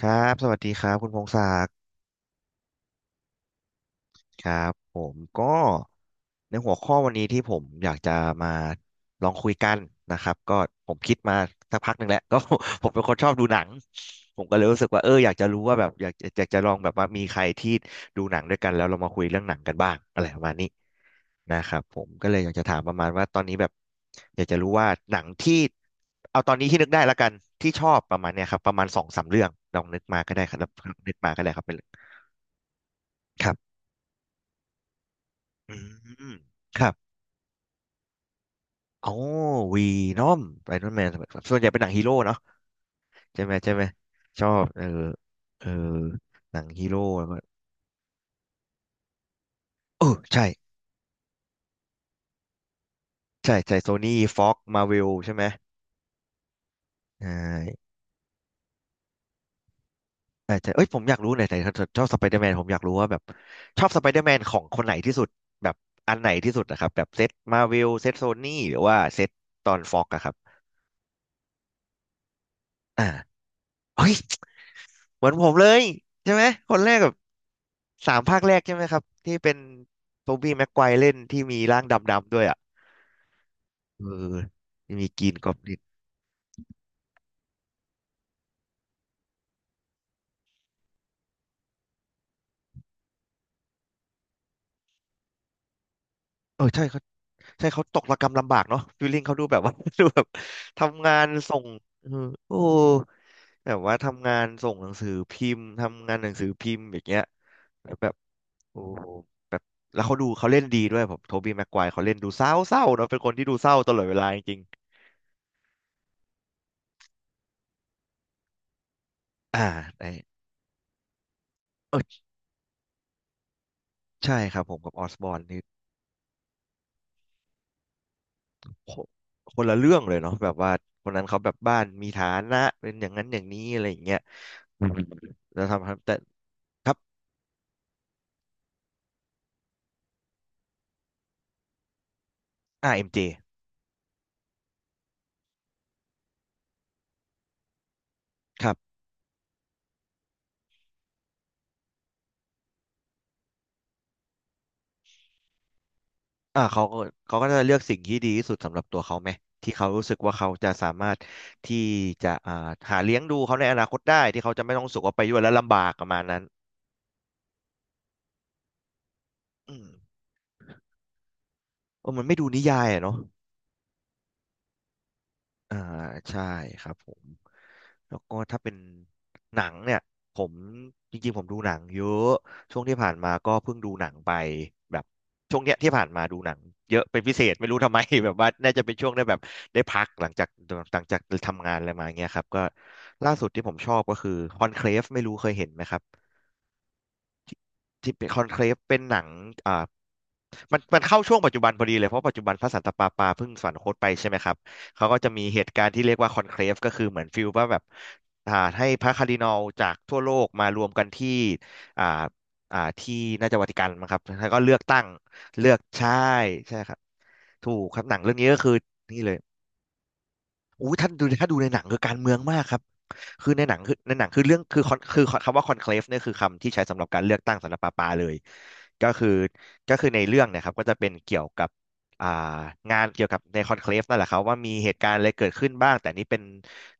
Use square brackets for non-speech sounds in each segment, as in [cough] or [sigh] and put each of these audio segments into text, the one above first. ครับสวัสดีครับคุณพงศักดิ์ครับผมก็ในหัวข้อวันนี้ที่ผมอยากจะมาลองคุยกันนะครับก็ผมคิดมาสักพักหนึ่งแล้ว [laughs] ก็ผมเป็นคนชอบดูหนังผมก็เลยรู้สึกว่าอยากจะรู้ว่าแบบอยากจะลองแบบว่ามีใครที่ดูหนังด้วยกันแล้วเรามาคุยเรื่องหนังกันบ้างอะไรประมาณนี้นะครับผมก็เลยอยากจะถามประมาณว่าตอนนี้แบบอยากจะรู้ว่าหนังที่เอาตอนนี้ที่นึกได้ละกันที่ชอบประมาณเนี้ยครับประมาณสองสามเรื่องลองนึกมาก็ได้ครับแล้วนึกมาก็ได้ครับไปเลย ครับอืมครับโอ้วีนอมไอรอนแมนส่วนใหญ่เป็นหนังฮีโร่เนาะใช่ไหมใช่ไหม ชอบเออเออหนังฮีโร่แล้วก็เออใช่ใช่ใช่โซนี่ฟ็อกมาเวลใช่ไหมใช่ใช่ใช่เอ้ยผมอยากรู้หน่อยแต่ชอบสไปเดอร์แมนผมอยากรู้ว่าแบบชอบสไปเดอร์แมนของคนไหนที่สุดแบบอันไหนที่สุดนะครับแบบเซตมาเวลเซตโซนี่หรือว่าเซตตอนฟ็อกอะครับอ่าเฮ้ย เหมือนผมเลยใช่ไหมคนแรกแบบสามภาคแรกใช่ไหมครับที่เป็นโทบี้แม็กไกวร์เล่นที่มีร่างดำๆด้วยอ่ะเออมีกรีนกอบลินเออใช่เขาใช่เขาตกระกำลำบากเนาะฟีลลิ่งเขาดูแบบว่า [laughs] ดูแบบทำงานส่งเออโอ้แบบว่าทำงานส่งหนังสือพิมพ์ทำงานหนังสือพิมพ์อย่างเงี้ยแล้วแบบโอ้โหแบบแล้วเขาดูเขาเล่นดีด้วยผมโทบี้แม็กไกวร์เขาเล่นดูเศร้าๆเนาะเป็นคนที่ดูเศร้าตลอดเวลาจริงๆได้ ใช่ครับผมกับออสบอร์นนี่โคคนละเรื่องเลยเนาะแบบว่าคนนั้นเขาแบบบ้านมีฐานะเป็นอย่างนั้นอย่างนี้อะไรอย่างเงี้ยอืมแล้วทำครับแต่ครับเอ็มเจครับเขาก็เขาก็จะเลือกสิ่งที่ดีที่สุดสำหรับตัวเขาไหมที่เขารู้สึกว่าเขาจะสามารถที่จะหาเลี้ยงดูเขาในอนาคตได้ที่เขาจะไม่ต้องรู้สึกว่าไปด้วยแล้วลำบากประมาณนั้นอืมเออมันไม่ดูนิยายอะเนาะอ่าใช่ครับผม แล้วก็ถ้าเป็นหนังเนี่ยผมจริงๆผมดูหนังเยอะช่วงที่ผ่านมาก็เพิ่งดูหนังไปแบบช่วงเนี้ยที่ผ่านมาดูหนังเยอะเป็นพิเศษไม่รู้ทำไม [laughs] แบบว่าน่าจะเป็นช่วงได้แบบได้พักหลังจากทำงานอะไรมาเงี้ยครับก็ล่าสุดที่ผมชอบก็คือคอนเคลฟไม่รู้เคยเห็นไหมครับที่เป็นคอนเคลฟเป็นหนังอ่า มันมันเข้าช่วงปัจจุบันพอดีเลยเพราะปัจจุบันพระสันตะปาปาเพิ่งสวรรคตไปใช่ไหมครับเขาก็จะมีเหตุการณ์ที่เรียกว่าคอนเคลฟก็คือเหมือนฟิลว่าแบบให้พระคาร์ดินัลจากทั่วโลกมารวมกันที่อ่าที่น่าจะวาติกันมั้งครับแล้วก็เลือกตั้งเลือกใช่ใช่ครับถูกครับหนังเรื่องนี้ก็คือนี่เลย อู้ถ้าดูถ้าดูในหนังคือการเมืองมากครับคือในหนังคือในหนังคือเรื่องคือคอนคือคำว่าคอนเคลฟเนี่ยคือคำที่ใช้สำหรับการเลือกตั้งสำหรับปาปาเลยก็คือก็คือในเรื่องเนะครับก็จะเป็นเกี่ยวกับอ่างานเกี่ยวกับในคอนเคลฟนั่นแหละครับว่ามีเหตุการณ์อะไรเกิดขึ้นบ้างแต่นี่เป็น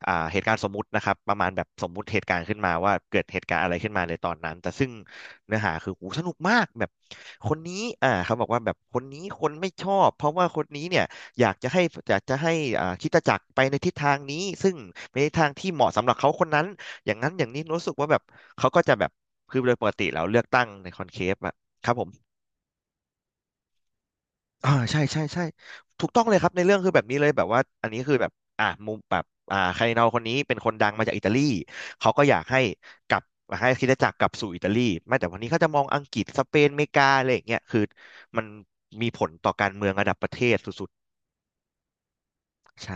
เหตุการณ์สมมุตินะครับประมาณแบบสมมุติเหตุการณ์ขึ้นมาว่าเกิดเหตุการณ์อะไรขึ้นมาในตอนนั้นแต่ซึ่งเนื้อหาคือโอ้สนุกมากแบบคนนี้เขาบอกว่าแบบคนนี้คนไม่ชอบเพราะว่าคนนี้เนี่ย อยากจะให้อยากจะให้คริสตจักรไปในทิศทางนี้ซึ่งเป็นทิศทางที่เหมาะสำหรับเขาคนนั้นอย่างนั้นอย่างนี้รู้สึกว่าแบบเขาก็จะแบบคือโดยปกติแล้วเลือกตั้งในคอนเคฟอะครับผมใช่ใช่ใช่ถูกต้องเลยครับในเรื่องคือแบบนี้เลยแบบว่าอันนี้คือแบบมุมแบบคาร์ดินัลคนนี้เป็นคนดังมาจากอิตาลีเขาก็อยากให้กลับให้คริสตจักรกลับสู่อิตาลีไม่แต่วันนี้เขาจะมองอังกฤษสเปนอเมริกาอะไรอย่างเงี้ยคือมันมีผลต่อการเมืองระดับประเทศสุดๆใช่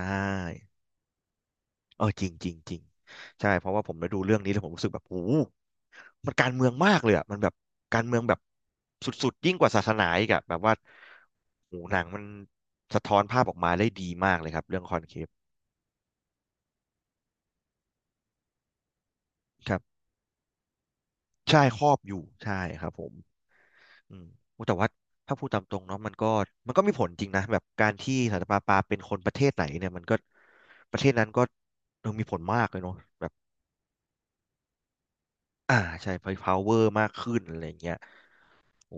เออจริงจริงจริงใช่เพราะว่าผมได้ดูเรื่องนี้แล้วผมรู้สึกแบบโอ้โหมันการเมืองมากเลยอ่ะมันแบบการเมืองแบบสุดๆยิ่งกว่าศาสนาอีกอะแบบว่าโอ้โหหนังมันสะท้อนภาพออกมาได้ดีมากเลยครับเรื่องคอนเคปครับใช่ครอบอยู่ใช่ครับผมอืมโอ้แต่ว่าถ้าพูดตามตรงเนาะมันก็มันก็มีผลจริงนะแบบการที่สันตะปาปาเป็นคนประเทศไหนเนี่ยมันก็ประเทศนั้นก็เออมีผลมากเลยเนาะแบบอ่าใช่ power มากขึ้นอะไรอย่างเงี้ยโอ้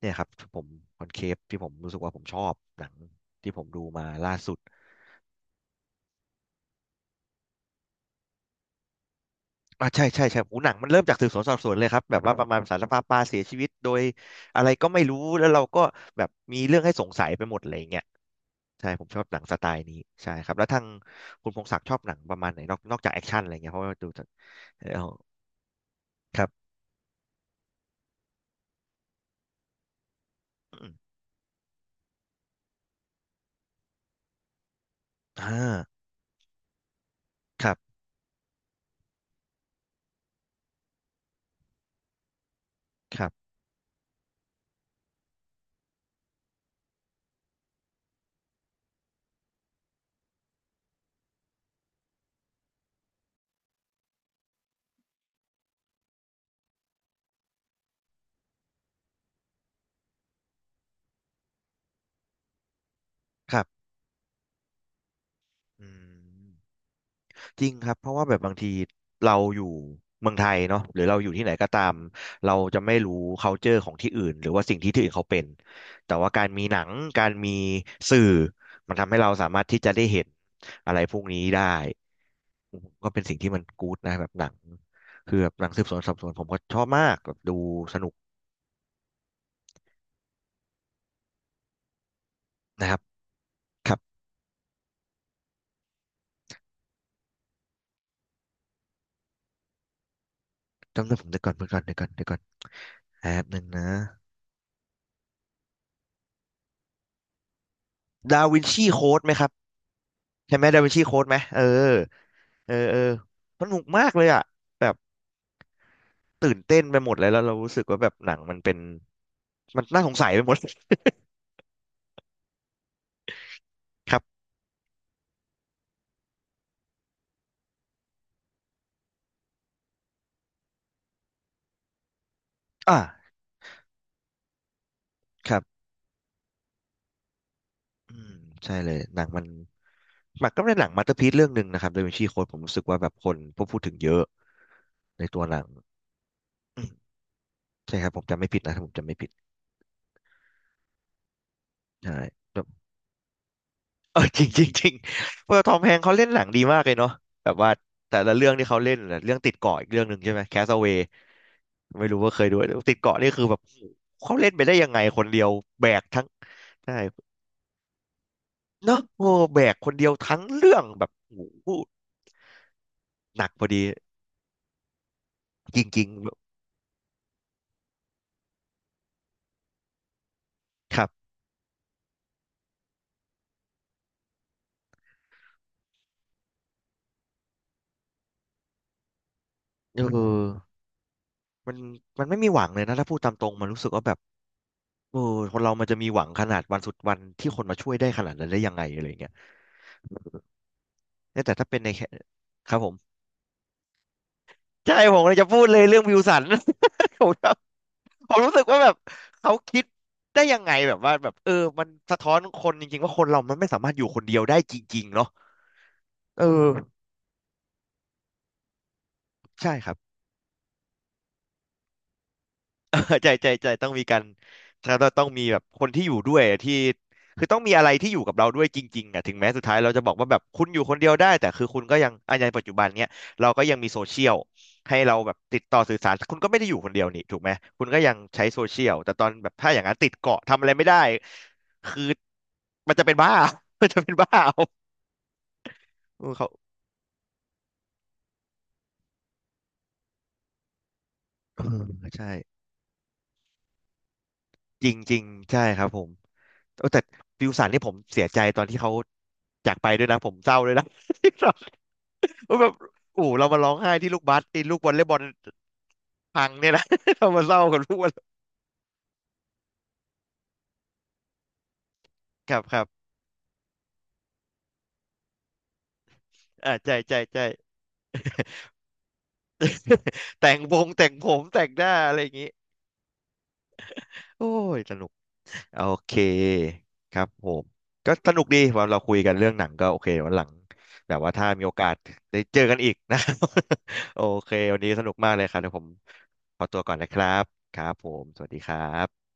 เนี่ยครับผมคอนเคฟที่ผมรู้สึกว่าผมชอบหนังที่ผมดูมาล่าสุดอ่ะใช่ใช่ใช่โอ้หนังมันเริ่มจากสืบสวนสอบสวนเลยครับแบบว่าประมาณสารภาพปลาเสียชีวิตโดยอะไรก็ไม่รู้แล้วเราก็แบบมีเรื่องให้สงสัยไปหมดอะไรอย่างเงี้ยใช่ผมชอบหนังสไตล์นี้ใช่ครับแล้วทางคุณพงศักดิ์ชอบหนังประมาณไหนนอกจากแอคชั่นอะไรเงี้ยเพราะว่าดูจากเออครับอมอ่าครับครับครับอืม จริงครับเพราะว่าแบบบางทีเราอยู่เมืองไทยเนาะหรือเราอยู่ที่ไหนก็ตามเราจะไม่รู้ culture ของที่อื่นหรือว่าสิ่งที่ที่อื่นเขาเป็นแต่ว่าการมีหนังการมีสื่อมันทำให้เราสามารถที่จะได้เห็นอะไรพวกนี้ได้ก็เป็นสิ่งที่มันกู๊ดนะแบบหนังคือแบบหนังสืบสวนสอบสวนผมก็ชอบมากแบบดูสนุกนะครับครับจำได้ผมเดี๋ยวก่อนเดี๋ยวก่อนเดี๋ยวก่อนเดี๋ยวก่อนแป๊บหนึ่งนะดาวินชีโค้ดไหมครับใช่ไหมดาวินชีโค้ดไหมเออ เออเออสนุกมากเลยอ่ะแบบตื่นเต้นไปหมดเลยแล้วเรารู้สึกว่าแบบหนังมันเป็นมันน่าสงสัยไปหมด [laughs] ครับอ่าครับอืมใช่เลยหนังมันมันก็เป็นหนังมาสเตอร์พีซเรื่องหนึ่งนะครับโดยวินชีโค้ดผมรู้สึกว่าแบบคนพวกพูดถึงเยอะในตัวหนังอืมใช่ครับผมจำไม่ผิดนะถ้าผมจำไม่ผิดใช่แบบเออ [laughs] จริงจริงจริงเพราะทอมแฮงค์เขาเล่นหนังดีมากเลยเนาะแบบว่าแต่ละเรื่องที่เขาเล่นน่ะเรื่องติดเกาะอีกเรื่องหนึ่งใช่ไหมแคสเว ไม่รู้ว่าเคยดูติดเกาะนี่คือแบบเขาเล่นไปได้ยังไงคนเดียวแบกทั้งใช่เนอะโอ้แบกคนเดียวทั้งเรื่องแบบโอ้โหหนักพอดีจริงๆแบบครับเออมันมันไม่มีหวังเลยนะถ้าพูดตามตรงมันรู้สึกว่าแบบเออคนเรามันจะมีหวังขนาดวันสุดวันที่คนมาช่วยได้ขนาดนั้นได้ยังไงอะไรเงี้ยเนี่ยแต่ถ้าเป็นในแค่ครับผม ใช่ ผมเลยจะพูดเลยเรื่องวิลสัน [laughs] ผมแบบผมรู้สึกว่าแบบเขาคิดได้ยังไงแบบว่าแบบเออมันสะท้อนคนจริงๆว่าคนเรามันไม่สามารถอยู่คนเดียวได้จริงๆเนาะเออใช่ครับ [laughs] ใจใจใจต้องมีการแล้วเราต้องมีแบบคนที่อยู่ด้วยที่คือต้องมีอะไรที่อยู่กับเราด้วยจริงๆอ่ะถึงแม้สุดท้ายเราจะบอกว่าแบบคุณอยู่คนเดียวได้แต่คือคุณก็ยังอันยังปัจจุบันเนี้ยเราก็ยังมีโซเชียลให้เราแบบติดต่อสื่อสารคุณก็ไม่ได้อยู่คนเดียวนี่ถูกไหมคุณก็ยังใช้โซเชียลแต่ตอนแบบถ้าอย่างนั้นติดเกาะทำอะไรไม่ได้คือมันจะเป็นบ้า [laughs] มันจะเป็นบ้าเอาเออเขา [coughs] เออใช่ จริงๆใช่ครับผมโอ้แต่ฟิวสันนี่ผมเสียใจตอนที่เขาจากไปด้วยนะผมเศร้าเลยนะ [laughs] ที่เราแบบโอ้โหเรามาร้องไห้ที่ลูกบาสที่ลูกวอลเลย์บอลพังเนี่ยนะ [laughs] เรามาเศร้ากับลูกวอลเลย์ครับครับอ่าใช่ใช่ใช่แต่งวงแต่งผมแต่งหน้าอะไรอย่างงี้โอ้ยสนุก โอเคครับผมก็สนุกดีว่าเราคุยกันเรื่องหนังก็โอเควันหลังแบบว่าถ้ามีโอกาสได้เจอกันอีกนะ [laughs] โอเควันนี้สนุกมากเลยครับเดี๋ยวผมขอตัวก่อนนะครับครับผมสวัสดีครับ